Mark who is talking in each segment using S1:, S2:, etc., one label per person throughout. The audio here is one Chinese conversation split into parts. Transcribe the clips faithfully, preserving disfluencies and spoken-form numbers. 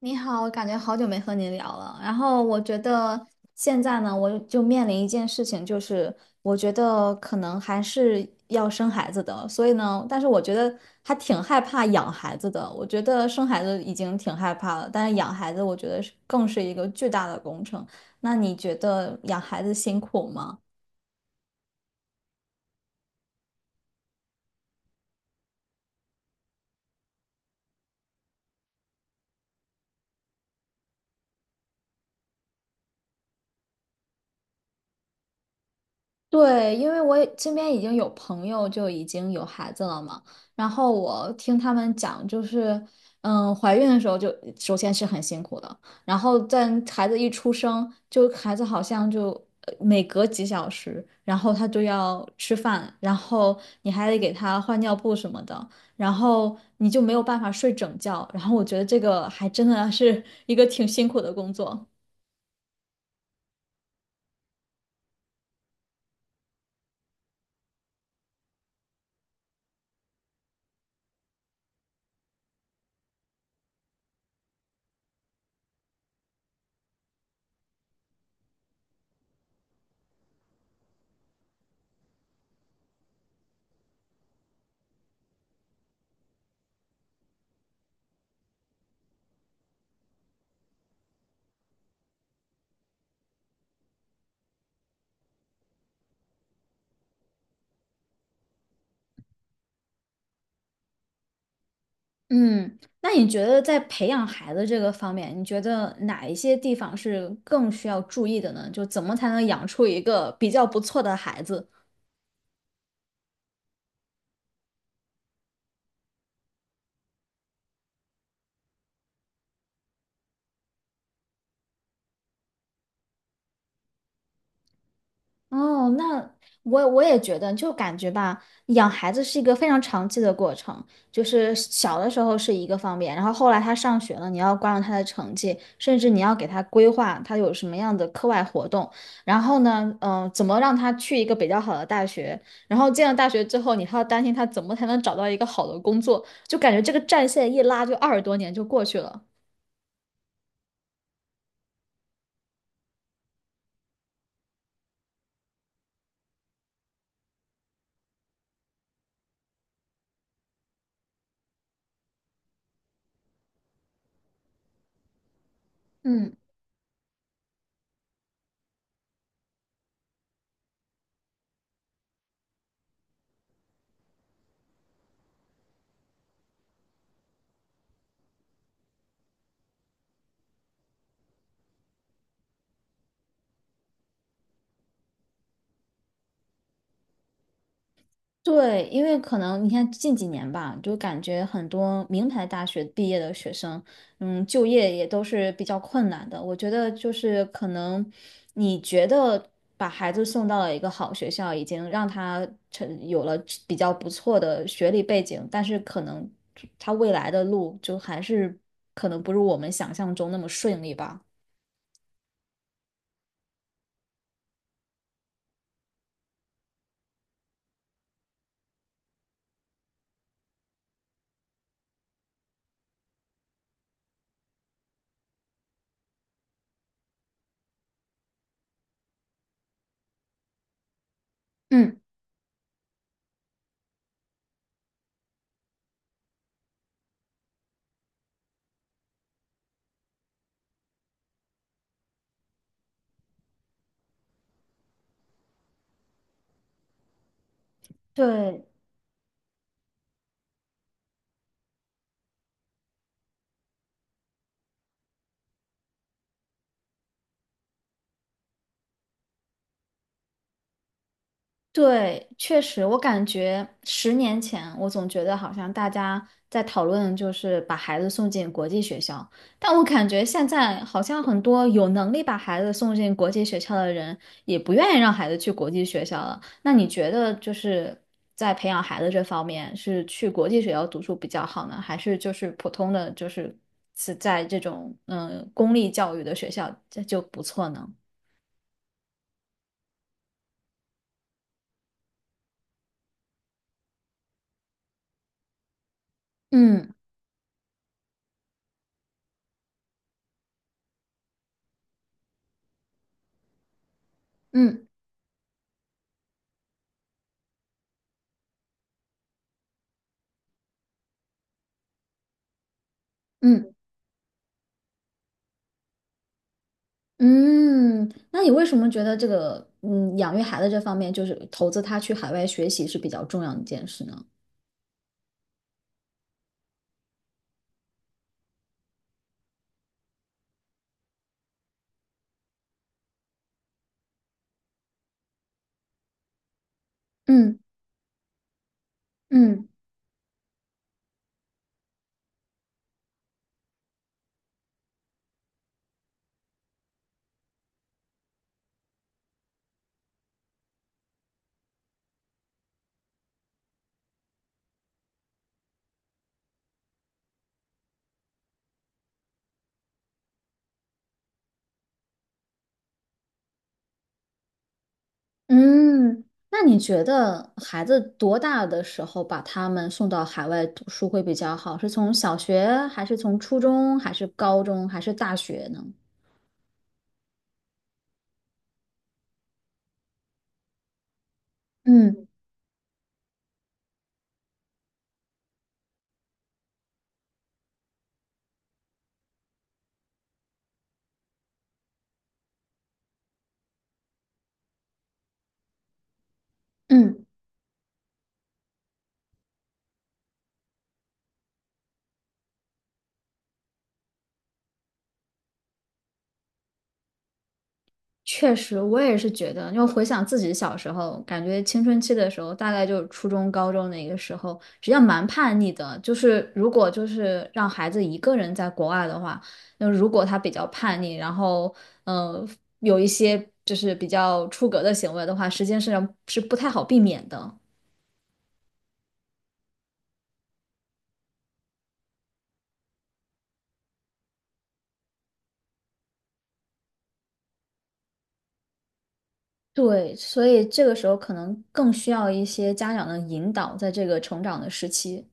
S1: 你好，我感觉好久没和你聊了。然后我觉得现在呢，我就面临一件事情，就是我觉得可能还是要生孩子的。所以呢，但是我觉得还挺害怕养孩子的。我觉得生孩子已经挺害怕了，但是养孩子我觉得是更是一个巨大的工程。那你觉得养孩子辛苦吗？对，因为我也身边已经有朋友就已经有孩子了嘛，然后我听他们讲，就是，嗯，怀孕的时候就首先是很辛苦的，然后在孩子一出生，就孩子好像就呃每隔几小时，然后他就要吃饭，然后你还得给他换尿布什么的，然后你就没有办法睡整觉，然后我觉得这个还真的是一个挺辛苦的工作。嗯，那你觉得在培养孩子这个方面，你觉得哪一些地方是更需要注意的呢？就怎么才能养出一个比较不错的孩子？哦，那我我也觉得，就感觉吧，养孩子是一个非常长期的过程，就是小的时候是一个方面，然后后来他上学了，你要关注他的成绩，甚至你要给他规划他有什么样的课外活动，然后呢，嗯、怎么让他去一个比较好的大学，然后进了大学之后，你还要担心他怎么才能找到一个好的工作，就感觉这个战线一拉就二十多年就过去了。嗯。对，因为可能你看近几年吧，就感觉很多名牌大学毕业的学生，嗯，就业也都是比较困难的。我觉得就是可能你觉得把孩子送到了一个好学校，已经让他成有了比较不错的学历背景，但是可能他未来的路就还是可能不如我们想象中那么顺利吧。嗯，对，对，确实，我感觉十年前，我总觉得好像大家在讨论就是把孩子送进国际学校，但我感觉现在好像很多有能力把孩子送进国际学校的人，也不愿意让孩子去国际学校了。那你觉得就是在培养孩子这方面，是去国际学校读书比较好呢，还是就是普通的就是是在这种嗯、呃公立教育的学校这就不错呢？嗯嗯嗯。嗯，那你为什么觉得这个嗯养育孩子这方面，就是投资他去海外学习是比较重要的一件事呢？嗯嗯嗯，那你觉得孩子多大的时候把他们送到海外读书会比较好？是从小学，还是从初中，还是高中，还是大学呢？嗯嗯。确实，我也是觉得，因为回想自己小时候，感觉青春期的时候，大概就是初中、高中那个时候，实际上蛮叛逆的。就是如果就是让孩子一个人在国外的话，那如果他比较叛逆，然后嗯、呃有一些就是比较出格的行为的话，实际上是不太好避免的。对，所以这个时候可能更需要一些家长的引导，在这个成长的时期。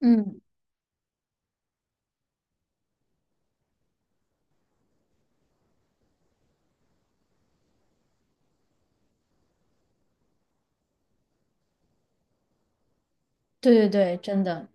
S1: 嗯，对对对，真的。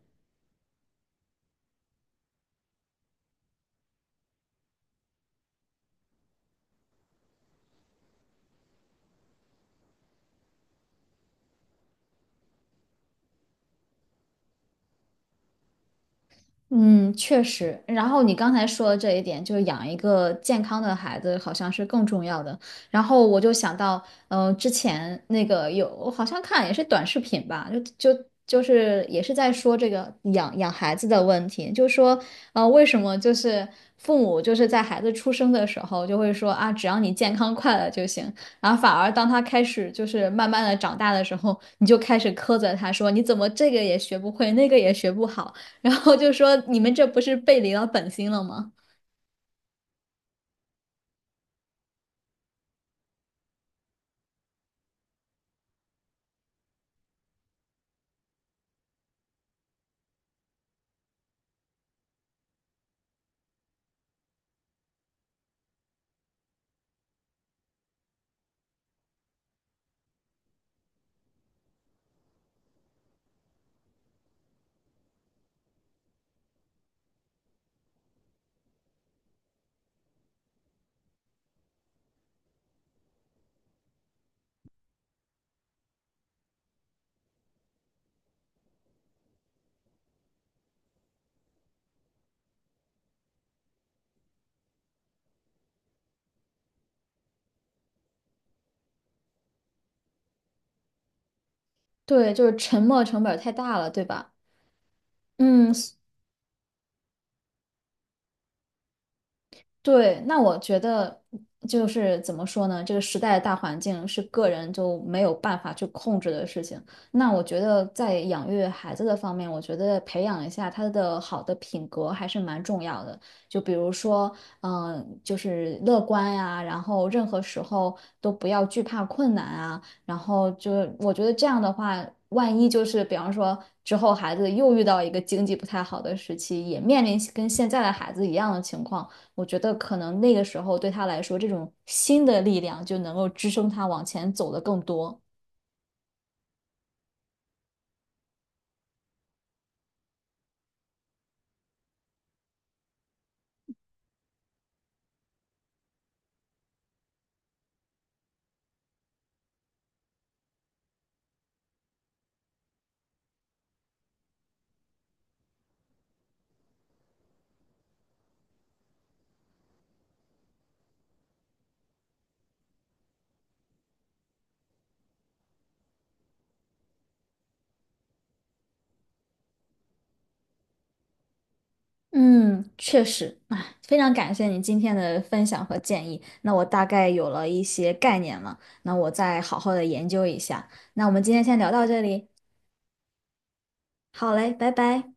S1: 嗯，确实。然后你刚才说的这一点，就是养一个健康的孩子好像是更重要的。然后我就想到，嗯、之前那个有，我好像看也是短视频吧，就就就是也是在说这个养养孩子的问题，就说，呃，为什么就是父母就是在孩子出生的时候就会说啊，只要你健康快乐就行，然后反而当他开始就是慢慢的长大的时候，你就开始苛责他说，你怎么这个也学不会，那个也学不好。然后就说你们这不是背离了本心了吗？对，就是沉没成本太大了，对吧？嗯，对，那我觉得就是怎么说呢？这个时代的大环境是个人就没有办法去控制的事情。那我觉得在养育孩子的方面，我觉得培养一下他的好的品格还是蛮重要的。就比如说，嗯、就是乐观呀、然后任何时候都不要惧怕困难啊。然后就我觉得这样的话，万一就是比方说之后孩子又遇到一个经济不太好的时期，也面临跟现在的孩子一样的情况。我觉得可能那个时候对他来说，这种新的力量就能够支撑他往前走的更多。嗯，确实，哎，非常感谢你今天的分享和建议。那我大概有了一些概念了，那我再好好的研究一下。那我们今天先聊到这里，好嘞，拜拜。